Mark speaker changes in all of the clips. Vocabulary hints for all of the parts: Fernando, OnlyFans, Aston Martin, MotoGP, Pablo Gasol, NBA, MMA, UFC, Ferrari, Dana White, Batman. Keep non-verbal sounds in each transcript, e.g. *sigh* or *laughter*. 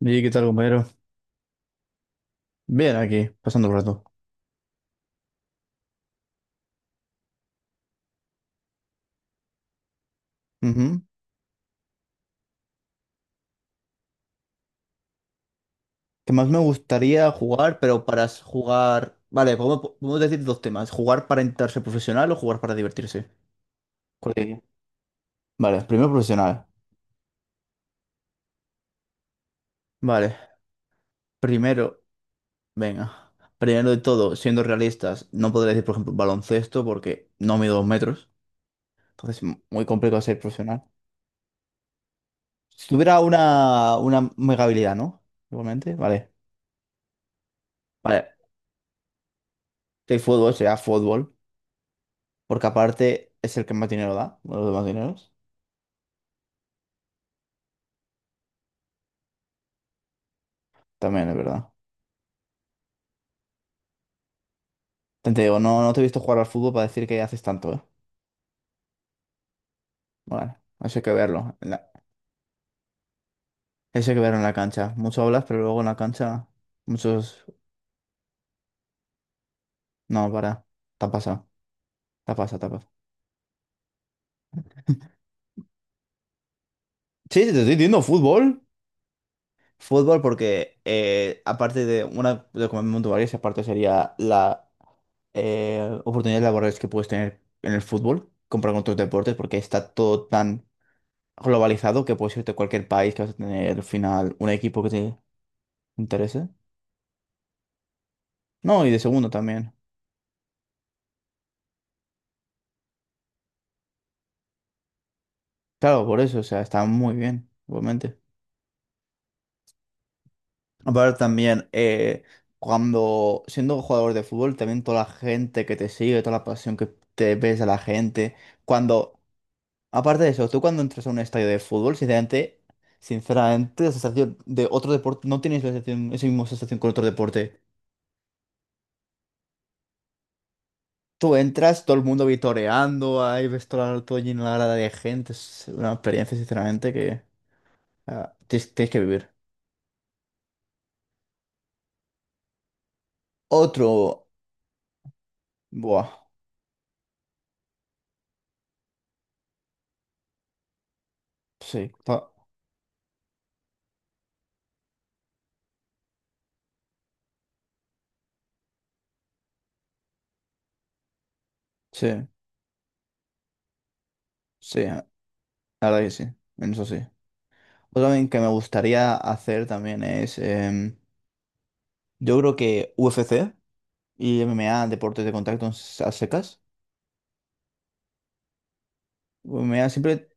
Speaker 1: ¿Y qué tal, compañero? Bien, aquí, pasando el rato. Ujú. Que más me gustaría jugar, pero para jugar. Vale, podemos decir dos temas: jugar para entrarse profesional o jugar para divertirse. ¿Cuál diría? Vale, primero profesional. Vale, primero, venga. Primero de todo, siendo realistas, no podría decir, por ejemplo, baloncesto porque no mido 2 metros. Entonces, muy complicado ser profesional. Si tuviera una mega habilidad, ¿no? Igualmente, vale. Vale, el fútbol sería fútbol. Porque aparte es el que más dinero da, uno de los demás dineros. También es verdad. Te digo, no, no te he visto jugar al fútbol para decir que haces tanto, ¿eh? Bueno, eso hay que verlo. Eso hay que verlo en la cancha. Mucho hablas, pero luego en la cancha, muchos. No, para. Te ha pasado. Te ha pasado, te ha pasado. Sí, sí, te estoy diciendo fútbol. Fútbol porque aparte de una de como varias, aparte sería la oportunidades laborales que puedes tener en el fútbol, comprar con otros deportes, porque está todo tan globalizado que puedes irte a cualquier país que vas a tener al final un equipo que te interese. No, y de segundo también. Claro, por eso, o sea, está muy bien, igualmente. Aparte también, cuando siendo jugador de fútbol, también toda la gente que te sigue, toda la pasión que te ves a la gente, cuando, aparte de eso, tú cuando entras a un estadio de fútbol, sinceramente, sinceramente, la sensación de otro deporte, no tienes la sensación, esa misma sensación con otro deporte. Tú entras, todo el mundo vitoreando, ahí ves toda, todo lleno la grada de gente. Es una experiencia, sinceramente, que tienes que vivir. Otro. Buah. Sí. Sí. Sí. La verdad que sí. En eso sí. Otro también que me gustaría hacer también es. Yo creo que UFC y MMA, deportes de contacto a secas. MMA siempre.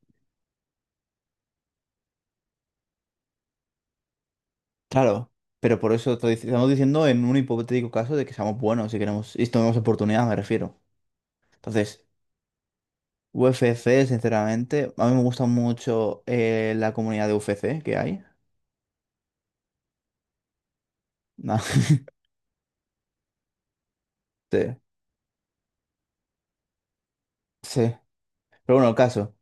Speaker 1: Claro. Pero por eso estamos diciendo en un hipotético caso de que seamos buenos si queremos. Y tenemos oportunidades me refiero. Entonces. UFC, sinceramente, a mí me gusta mucho la comunidad de UFC que hay. No, *laughs* sí, sí. Pero bueno, el caso,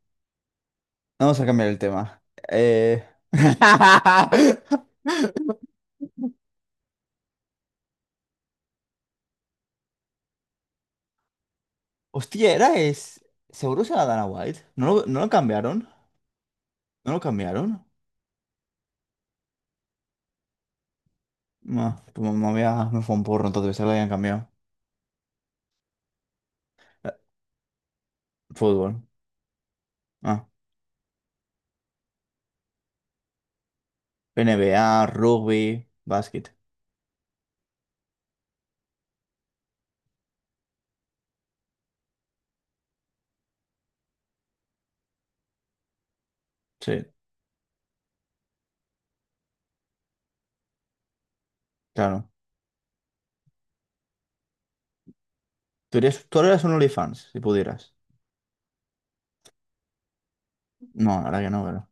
Speaker 1: vamos a cambiar el tema. Eh... *laughs* Hostia, era es. ¿Seguro se la Dana White? ¿No lo cambiaron? ¿No lo cambiaron? No, pues me fue un porro, entonces se lo habían cambiado. Eh, Fútbol. Ah, NBA, rugby, básquet. Sí, claro. ¿Tú eres un OnlyFans, si pudieras? No, ahora que no,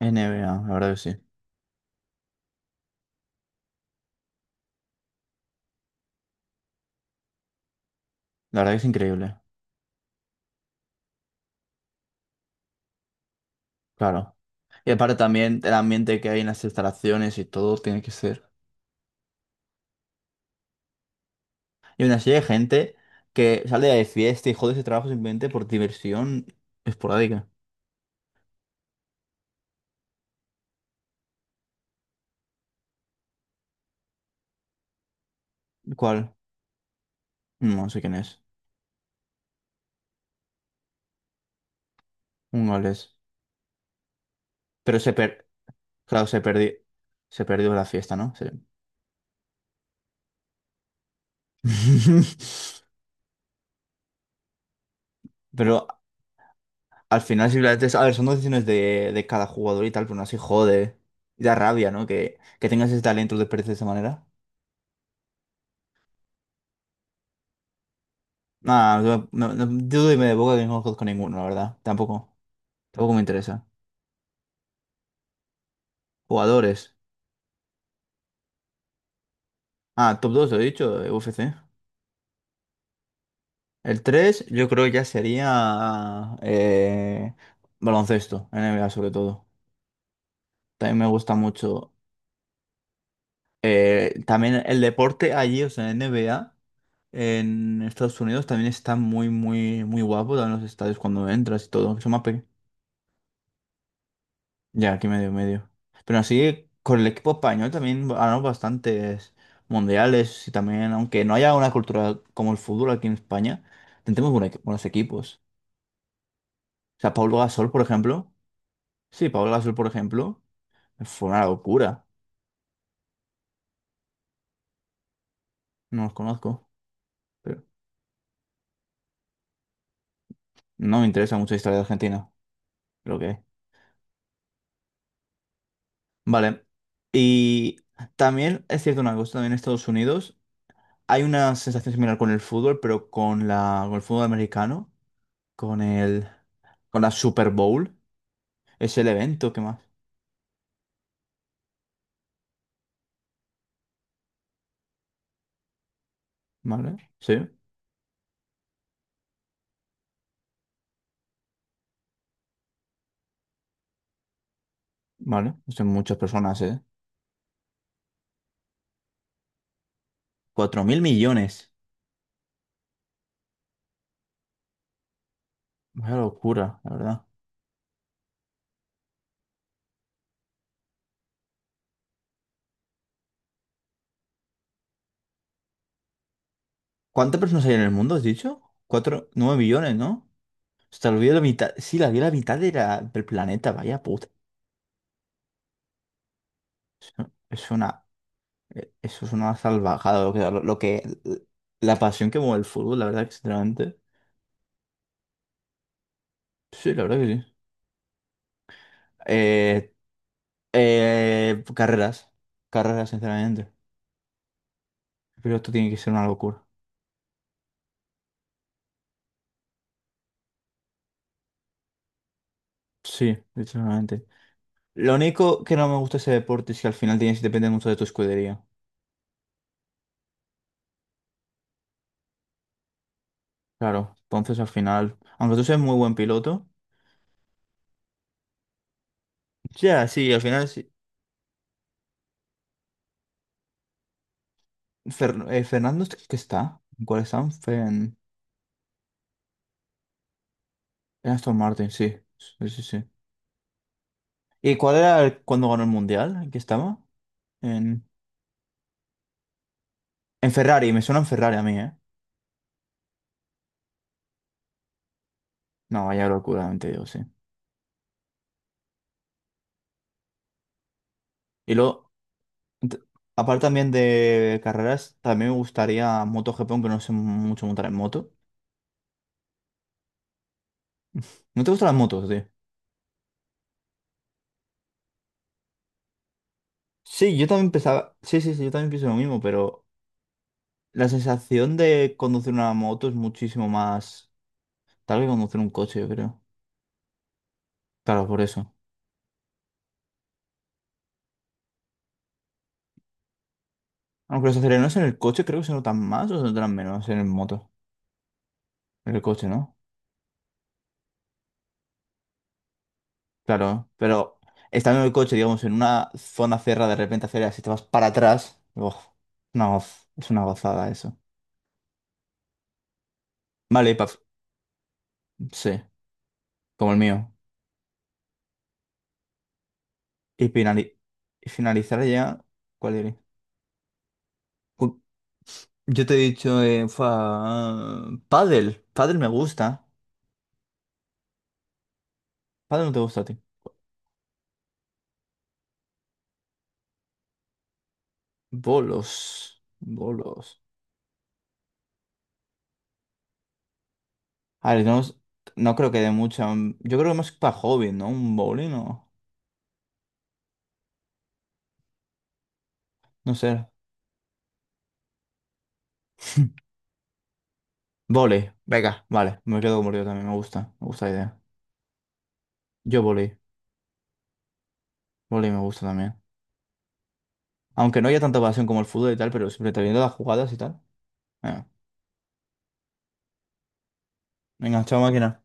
Speaker 1: NBA, la verdad que sí. La verdad que es increíble, claro. Y aparte también el ambiente que hay en las instalaciones y todo tiene que ser. Y una serie de gente que sale de fiesta y jode ese trabajo simplemente por diversión esporádica. ¿Cuál? No sé quién es. Un es. Pero se per... Claro, se perdió. Se perdió la fiesta, ¿no? Sí. *laughs* Pero al final simplemente es... A ver, son decisiones de cada jugador y tal, pero no así jode. Y da rabia, ¿no? Que tengas ese talento de perderse de esa manera. Nada, yo no, no, dudo y me de boca que no conozco ninguno, la verdad. Tampoco, tampoco me interesa. Jugadores. Ah, top 2 lo he dicho, de UFC. El 3 yo creo que ya sería baloncesto, NBA sobre todo. También me gusta mucho. También el deporte allí, o sea, NBA, en Estados Unidos también está muy, muy, muy guapo. También los estadios cuando entras y todo, que son más. Ya, aquí medio, medio. Pero así, con el equipo español también ganamos bastantes mundiales y también, aunque no haya una cultura como el fútbol aquí en España, tenemos buenos equipos. O sea, Pablo Gasol, por ejemplo. Sí, Pablo Gasol, por ejemplo, fue una locura. No los conozco, pero no me interesa mucho la historia de Argentina, creo que. Vale. Y también es cierto una cosa, también en Estados Unidos hay una sensación similar con el fútbol, pero con la, con el fútbol americano, con el... Con la Super Bowl es el evento, ¿qué más? ¿Vale? Sí, vale. Son muchas personas, ¿eh? 4.000 millones. Vaya locura, la verdad. ¿Cuántas personas hay en el mundo, has dicho? Cuatro, nueve millones, ¿no? Hasta olvidé la mitad. Sí, la vi la mitad de del planeta, vaya puta. Eso, es una, eso es una salvajada, lo que, lo que, la pasión que mueve el fútbol, la verdad, que sinceramente. Sí, la verdad que sí. Eh, carreras, carreras, sinceramente. Pero esto tiene que ser una locura. Sí, literalmente. Lo único que no me gusta de ese deporte es que al final tienes depende mucho de tu escudería. Claro, entonces al final, aunque tú seas muy buen piloto, ya, sí, al final sí. Fernando, ¿qué está? ¿En ¿Cuál está? En Aston Martin, sí. Sí, sí, sí. ¿Y cuál era cuando ganó el Mundial? ¿En qué estaba? En, Ferrari, me suena en Ferrari a mí, ¿eh? No, vaya locura, te digo, sí. Y luego, ent- aparte también de carreras, también me gustaría MotoGP, aunque no sé mucho montar en moto. ¿No te gustan las motos, tío? Sí, yo también pensaba, sí, sí, sí, yo también pienso lo mismo, pero la sensación de conducir una moto es muchísimo más tal que conducir un coche, yo creo. Claro, por eso. Aunque los acelerones en el coche creo que se notan más o se notan menos en el moto. En el coche, ¿no? Claro, pero estando en el coche, digamos, en una zona cerrada, de repente aceleras y te vas para atrás. Uf, es una gozada eso. Vale, y sí, como el mío. Y, finali- y finalizar ya, ¿cuál diré? Yo te he dicho, pádel. Pádel me gusta. Pádel no te gusta a ti. Bolos. Bolos. A ver, no, no creo que dé mucho. Yo creo que más para hobby, ¿no? Un bowling o... No sé. *laughs* Voley. Venga, vale. Me quedo con voley también. Me gusta. Me gusta la idea. Yo voley. Voley me gusta también. Aunque no haya tanta pasión como el fútbol y tal, pero siempre te viendo las jugadas y tal. Venga, venga, chao máquina.